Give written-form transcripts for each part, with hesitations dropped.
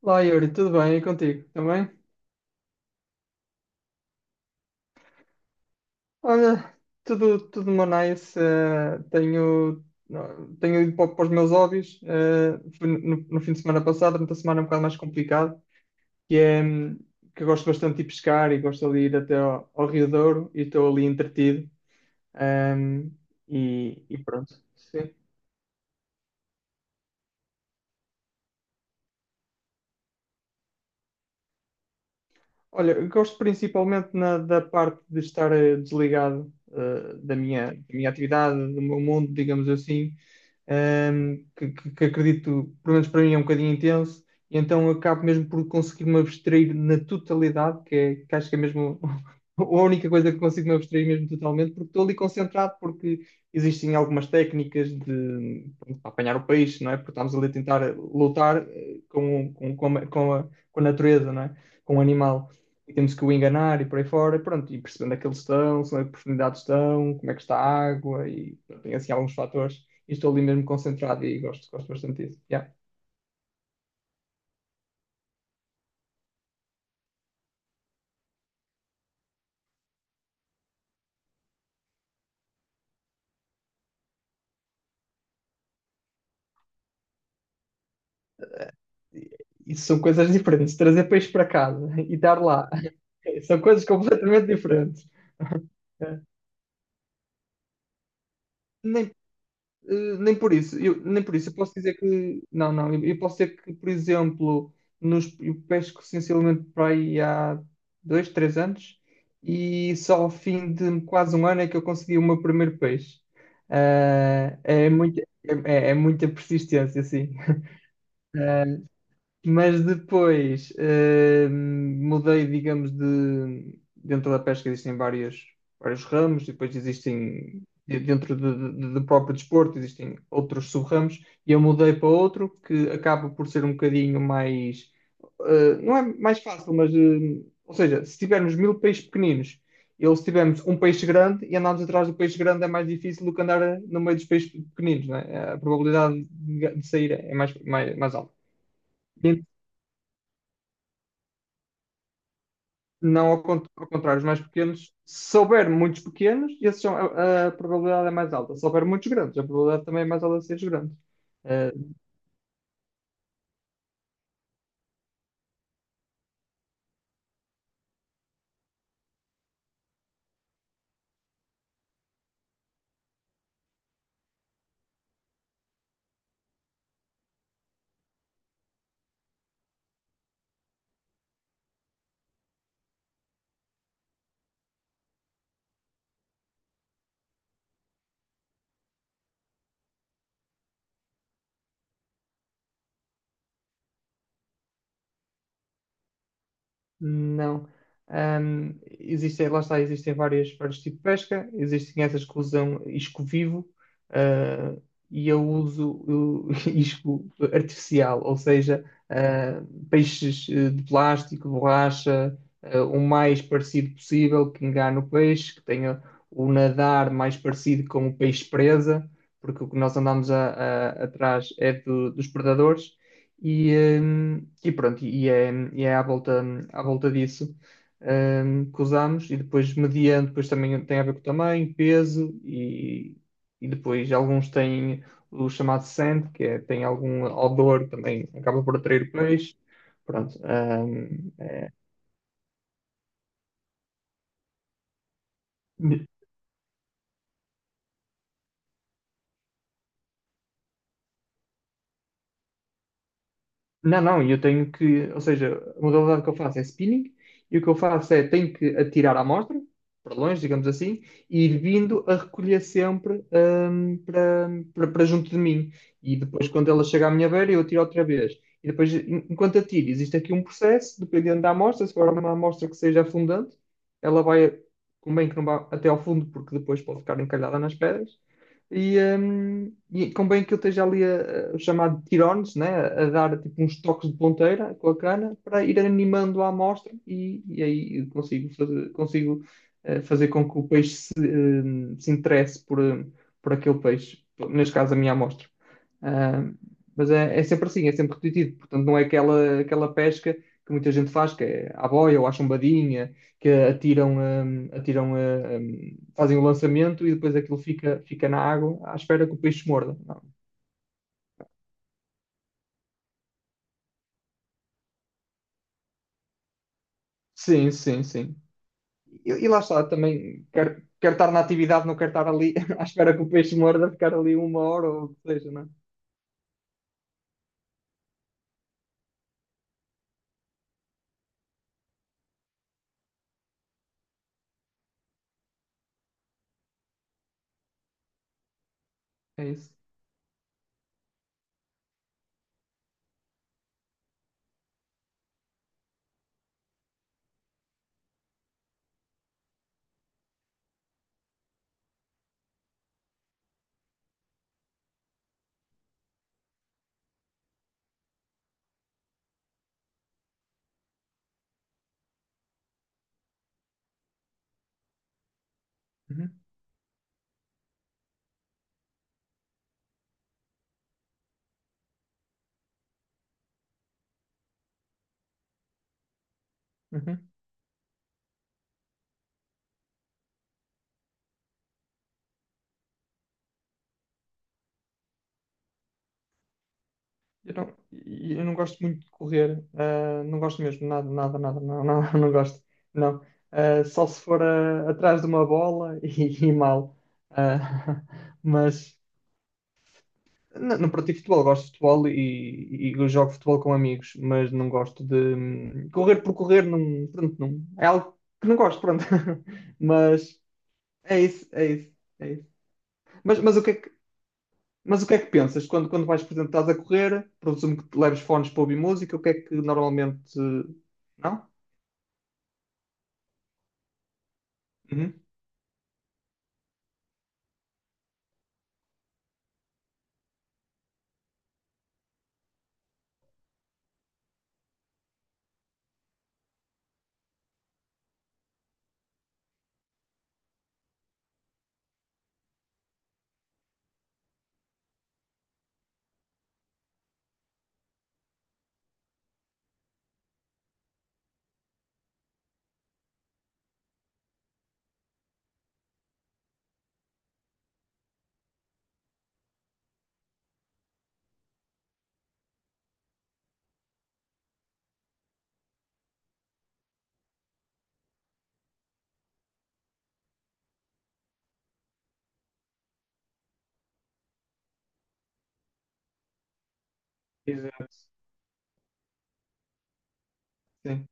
Olá Yuri, tudo bem? E contigo também? Olha, tudo uma nice. Não, tenho ido para os meus hobbies. Fui no fim de semana passado, durante a semana é um bocado mais complicado, que é que eu gosto bastante de ir pescar e gosto de ir até ao Rio Douro e estou ali entretido. hum, e pronto. Sim. Olha, eu gosto principalmente da parte de estar desligado, da minha atividade, do meu mundo, digamos assim, que acredito, pelo menos para mim, é um bocadinho intenso, e então acabo mesmo por conseguir me abstrair na totalidade, que acho que é mesmo a única coisa que consigo me abstrair mesmo totalmente, porque estou ali concentrado, porque existem algumas técnicas, de pronto, para apanhar o peixe, não é? Porque estamos ali a tentar lutar eh, com, a, com a- com a natureza, não é? Com o animal. E temos que o enganar e por aí fora, e pronto, e percebendo onde é que eles estão, se onde é que profundidades estão, como é que está a água, e pronto, tem assim alguns fatores e estou ali mesmo concentrado e gosto bastante disso. Yeah. Isso são coisas diferentes. Trazer peixe para casa e dar lá são coisas completamente diferentes. Nem, nem por isso, nem por isso, eu posso dizer que não, não, eu posso dizer que, por exemplo, eu pesco essencialmente para aí há 2, 3 anos, e só ao fim de quase um ano é que eu consegui o meu primeiro peixe. Ah, é, muito, é, é é muita persistência, assim. Mas depois mudei, digamos, de dentro da pesca existem vários ramos, e depois existem dentro do próprio desporto, existem outros sub-ramos, e eu mudei para outro que acaba por ser um bocadinho mais, não é mais fácil, mas, ou seja, se tivermos 1.000 peixes pequeninos, ou se tivermos um peixe grande e andarmos atrás do peixe grande, é mais difícil do que andar no meio dos peixes pequeninos, não é? A probabilidade de sair é mais, mais, mais alta. Não. Ao contrário, os mais pequenos, se houver muitos pequenos, esses são, a probabilidade é mais alta. Se houver muitos grandes, a probabilidade também é mais alta de seres grandes. Eh, Não. Ahm, Existem, lá está, existem vários tipos de pesca, existem essas que usam isco vivo. ah, e eu uso o isco artificial, ou seja, ah, peixes, de plástico, borracha, o mais parecido possível, que engane o peixe, que tenha o nadar mais parecido com o peixe presa, porque o que nós andamos atrás é dos predadores. E, e pronto, e é à volta disso, que usamos, e depois mediante, depois também tem a ver com tamanho, peso, e depois alguns têm o chamado scent, que é, tem algum odor, também acaba por atrair peixe, pronto, hum, Não, não, eu tenho que, ou seja, a modalidade que eu faço é spinning, e o que eu faço é tenho que atirar a amostra para longe, digamos assim, e ir vindo a recolher sempre hum, para, para junto de mim. E depois, quando ela chega à minha beira, eu atiro outra vez. E depois, enquanto atiro, existe aqui um processo, dependendo da amostra, se for uma amostra que seja afundante, ela vai, convém que não vá até ao fundo, porque depois pode ficar encalhada nas pedras. E convém que eu esteja ali o chamado tirones, né? A dar tipo uns toques de ponteira com a cana para ir animando a amostra, e aí eu consigo fazer, consigo, fazer com que o peixe se, se interesse por aquele peixe, neste caso a minha amostra. Ah, mas é sempre assim, é sempre repetitivo, portanto não é aquela pesca que muita gente faz, que é à boia ou à chumbadinha, que atiram, fazem o lançamento, e depois aquilo fica na água à espera que o peixe morda. Não. Sim, sim, sim. E lá está, também quero estar na atividade, não quero estar ali à espera que o peixe morda, ficar ali uma hora ou o que seja, não é? É isso. Uhum, uhum. Eu não. E eu não gosto muito de correr, não gosto mesmo, nada, nada, nada, não, não, não gosto, não. Ah, só se for atrás de uma bola e mal. Ah, mas. Não, não pratico futebol, gosto de futebol e, jogo futebol com amigos, mas não gosto de correr por correr, não, pronto, não, é algo que não gosto, pronto. Mas é isso, é isso, é isso. Mas o que é que pensas quando, vais, por exemplo, estás a correr? Presumo que te leves fones para ouvir música. O que é que normalmente? Não? Uhum. Exato, sim.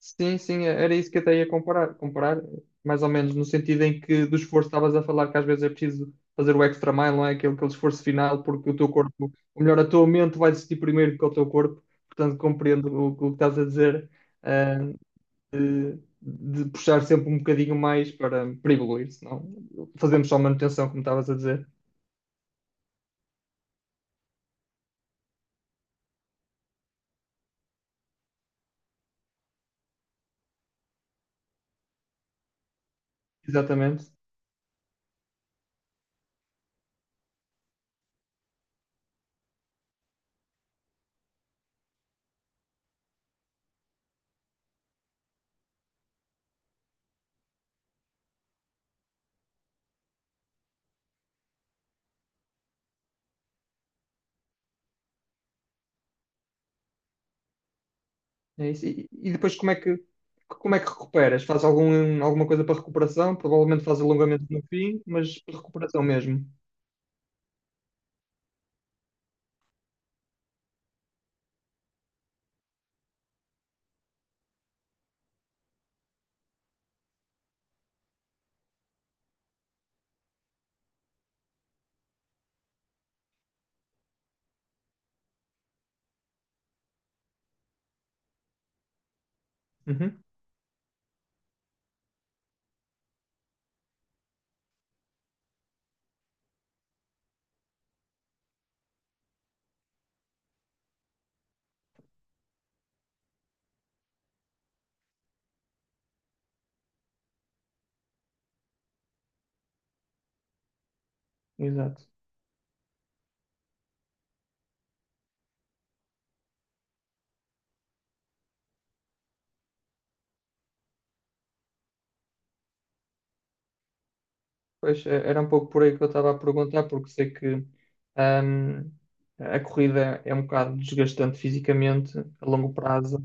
Sim, sim, era isso que eu até ia comparar, mais ou menos no sentido em que do esforço estavas a falar, que às vezes é preciso fazer o extra mile, não é? Aquele esforço final, porque o teu corpo, ou melhor, a tua mente vai desistir primeiro que o teu corpo, portanto compreendo o que estás a dizer, ah, de, de puxar sempre um bocadinho mais para evoluir, senão fazemos só manutenção, como estavas a dizer. Exatamente. É isso. E depois, como é que recuperas? Faz alguma coisa para recuperação? Provavelmente faz alongamento no fim, mas para recuperação mesmo. Uhum, exato. Pois é, era um pouco por aí que eu estava a perguntar, porque sei que, ahm, a corrida é um bocado desgastante fisicamente a longo prazo,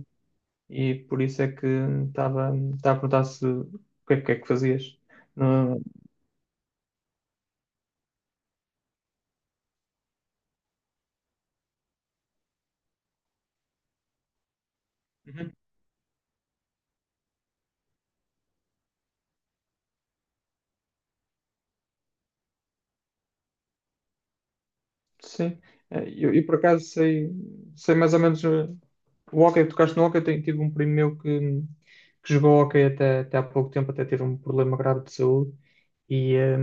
e por isso é que estava a perguntar se, o que é que fazias. No- Sim. Eu por acaso sei, mais ou menos, o hóquei. Tocaste no hóquei. Eu tive um primo meu que jogou hóquei até há pouco tempo, até ter um problema grave de saúde. e, eh,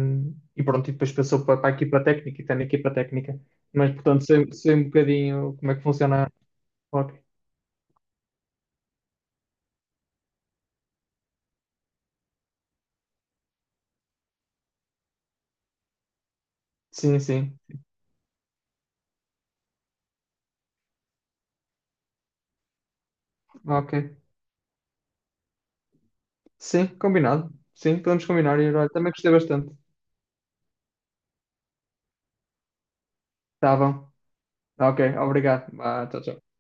e pronto, e depois passou para a equipa técnica e está na equipa técnica, mas portanto sei, um bocadinho como é que funciona o hóquei. Sim, sim, ok. Sim, combinado. Sim, podemos combinar, e olha, também gostei bastante. Tá bom. Ok, obrigado. Ah, tchau, tchau.